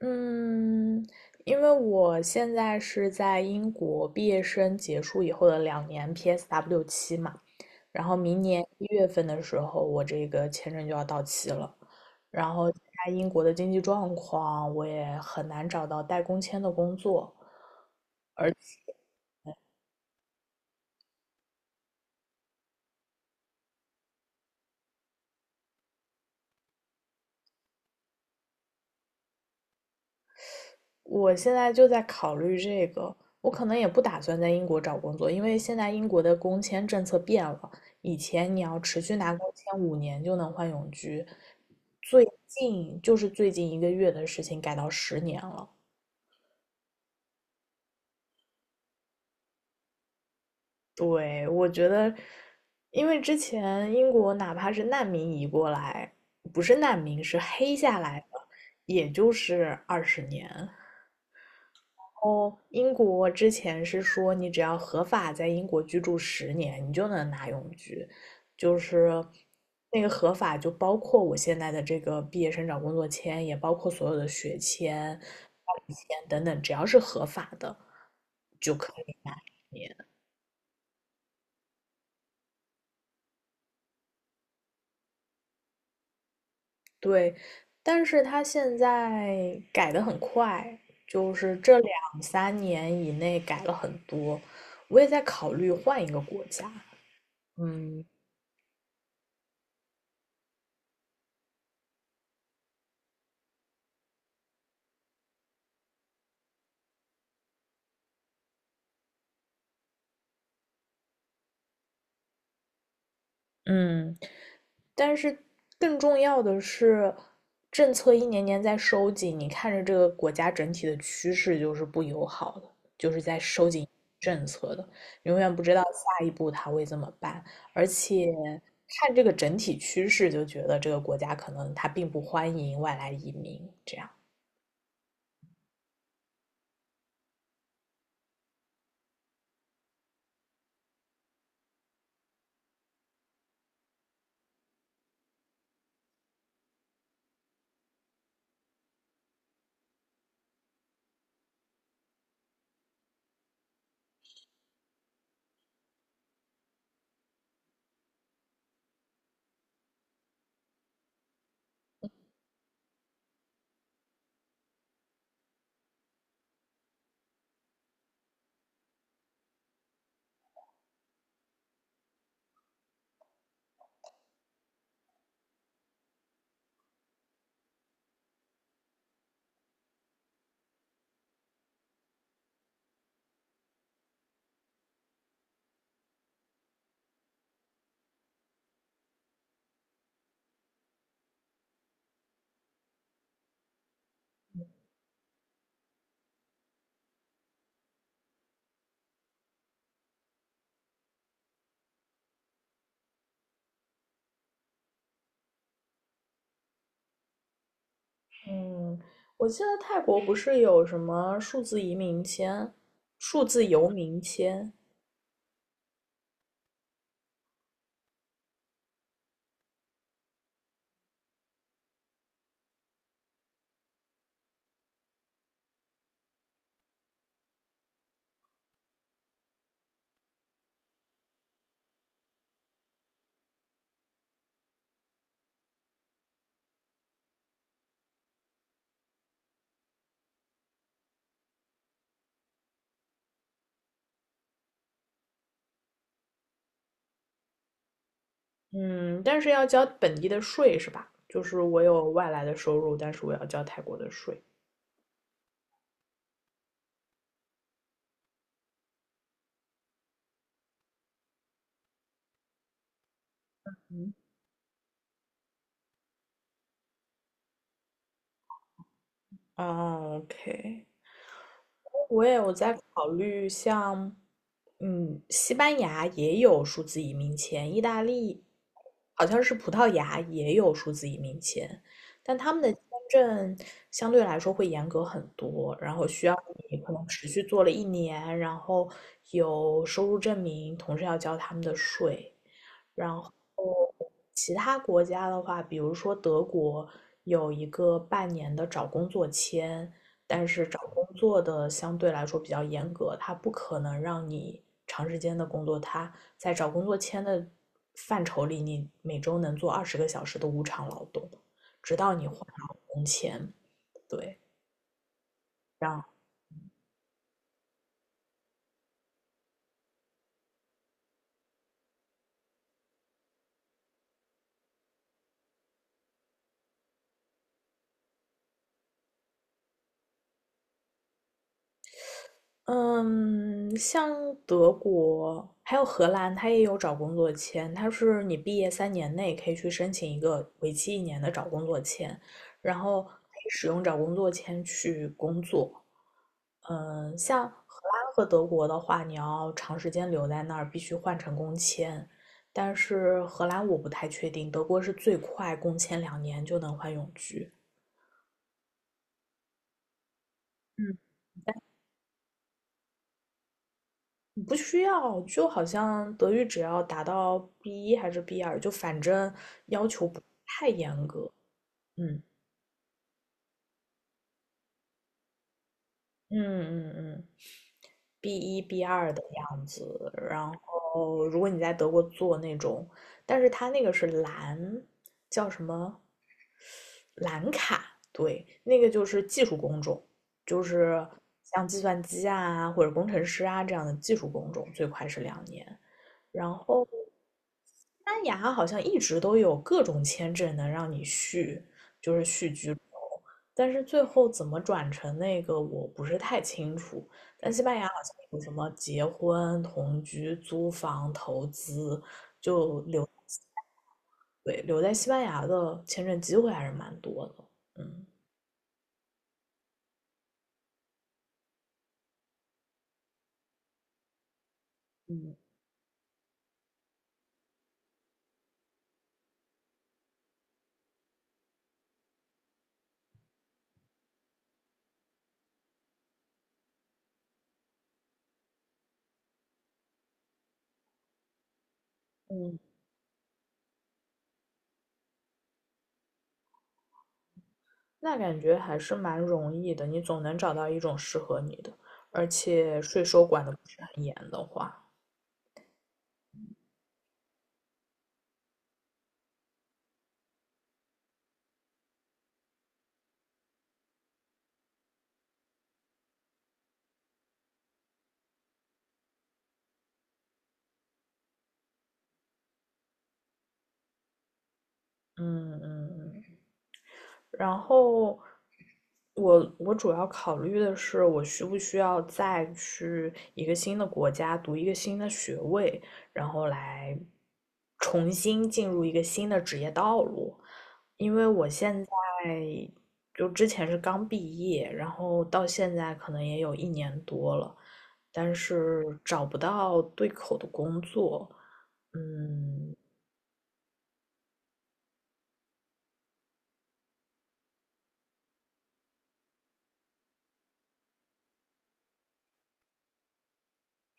嗯，因为我现在是在英国毕业生结束以后的两年 PSW 期嘛，然后明年1月份的时候，我这个签证就要到期了。然后，现在英国的经济状况，我也很难找到带工签的工作，而。我现在就在考虑这个，我可能也不打算在英国找工作，因为现在英国的工签政策变了，以前你要持续拿工签5年就能换永居，最近就是最近1个月的事情改到十年了。对，我觉得，因为之前英国哪怕是难民移过来，不是难民，是黑下来的，也就是20年。哦，英国之前是说，你只要合法在英国居住十年，你就能拿永居，就是那个合法就包括我现在的这个毕业生找工作签，也包括所有的学签、伴侣签等等，只要是合法的就可以拿十年。对，但是他现在改的很快，就是这两三年以内改了很多，我也在考虑换一个国家。嗯嗯，但是更重要的是，政策一年年在收紧，你看着这个国家整体的趋势就是不友好的，就是在收紧政策的，永远不知道下一步他会怎么办，而且看这个整体趋势就觉得这个国家可能它并不欢迎外来移民，这样。嗯，我记得泰国不是有什么数字移民签、数字游民签？嗯，但是要交本地的税是吧？就是我有外来的收入，但是我要交泰国的税。哦，OK，我也有在考虑像，西班牙也有数字移民签，意大利好像是葡萄牙也有数字移民签，但他们的签证相对来说会严格很多，然后需要你可能持续做了一年，然后有收入证明，同时要交他们的税。然后其他国家的话，比如说德国有一个半年的找工作签，但是找工作的相对来说比较严格，它不可能让你长时间的工作。它在找工作签的范畴里，你每周能做20个小时的无偿劳动，直到你还工签。对，让嗯，像德国还有荷兰，它也有找工作签，它是你毕业3年内可以去申请一个为期一年的找工作签，然后可以使用找工作签去工作。嗯，像荷兰和德国的话，你要长时间留在那儿，必须换成工签。但是荷兰我不太确定，德国是最快工签两年就能换永居。嗯，你不需要，就好像德语只要达到 b 一还是 B2，就反正要求不太严格。嗯嗯嗯嗯 b 一 b 二的样子。然后，如果你在德国做那种，但是它那个是蓝，叫什么？蓝卡，对，那个就是技术工种，就是像计算机啊或者工程师啊这样的技术工种，最快是两年。然后西班牙好像一直都有各种签证能让你续，就是续居，但是最后怎么转成那个我不是太清楚。但西班牙好像有什么结婚、同居、租房、投资，就留，对，留在西班牙的签证机会还是蛮多的。嗯。嗯嗯，那感觉还是蛮容易的，你总能找到一种适合你的，而且税收管的不是很严的话，嗯嗯嗯，然后我主要考虑的是，我需不需要再去一个新的国家读一个新的学位，然后来重新进入一个新的职业道路。因为我现在就之前是刚毕业，然后到现在可能也有1年多了，但是找不到对口的工作，嗯，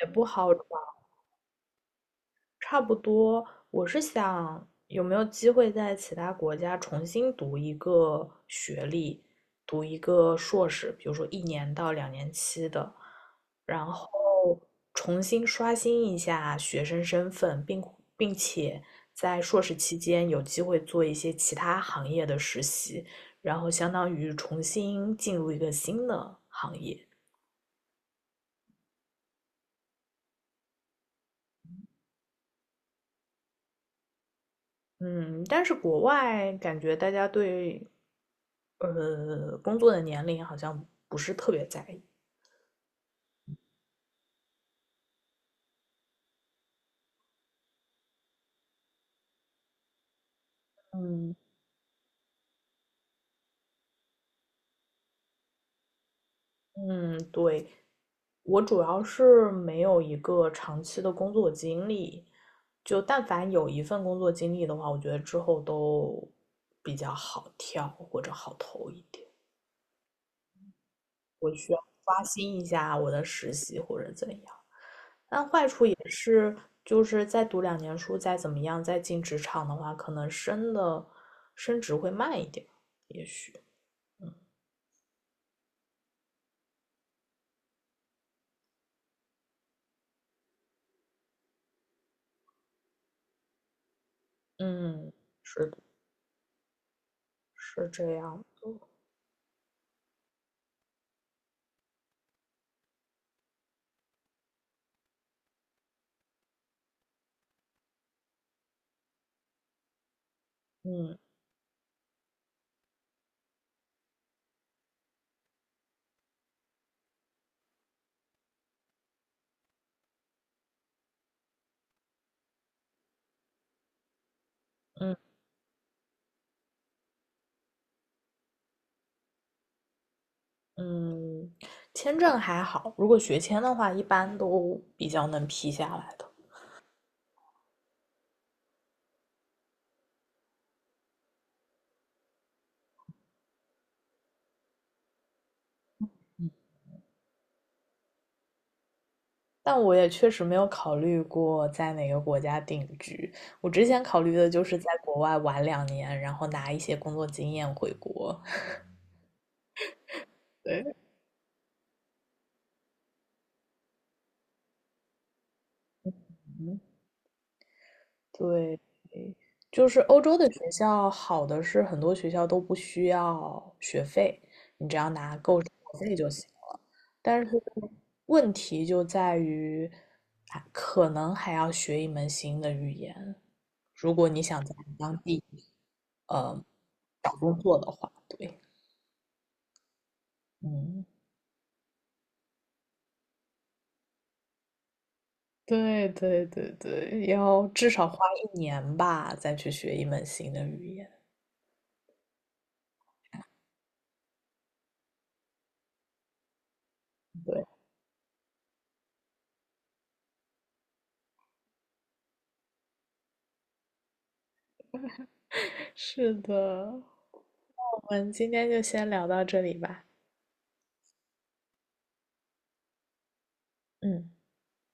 也不好找。差不多，我是想有没有机会在其他国家重新读一个学历，读一个硕士，比如说一年到两年期的，然后重新刷新一下学生身份，并且在硕士期间有机会做一些其他行业的实习，然后相当于重新进入一个新的行业。嗯，但是国外感觉大家对工作的年龄好像不是特别在意。嗯嗯，对，我主要是没有一个长期的工作经历，就但凡有一份工作经历的话，我觉得之后都比较好跳或者好投一点，刷新一下我的实习或者怎样。是就是再读两年书，再怎么样，再进职场的话，可能升职会慢一点，也许。嗯嗯，是的，是这样的。嗯嗯嗯，签证还好，如果学签的话，一般都比较能批下来的。但我也确实没有考虑过在哪个国家定居。我之前考虑的就是在国外玩两年，然后拿一些工作经验回国。对，对，就是欧洲的学校好的是很多学校都不需要学费，你只要拿够学费就行。但是问题就在于，可能还要学一门新的语言，如果你想在当地呃找工作的话，对，嗯。对对对对，要至少花一年吧，再去学一门新的语言。对，是的，我们今天就先聊到这里吧。嗯。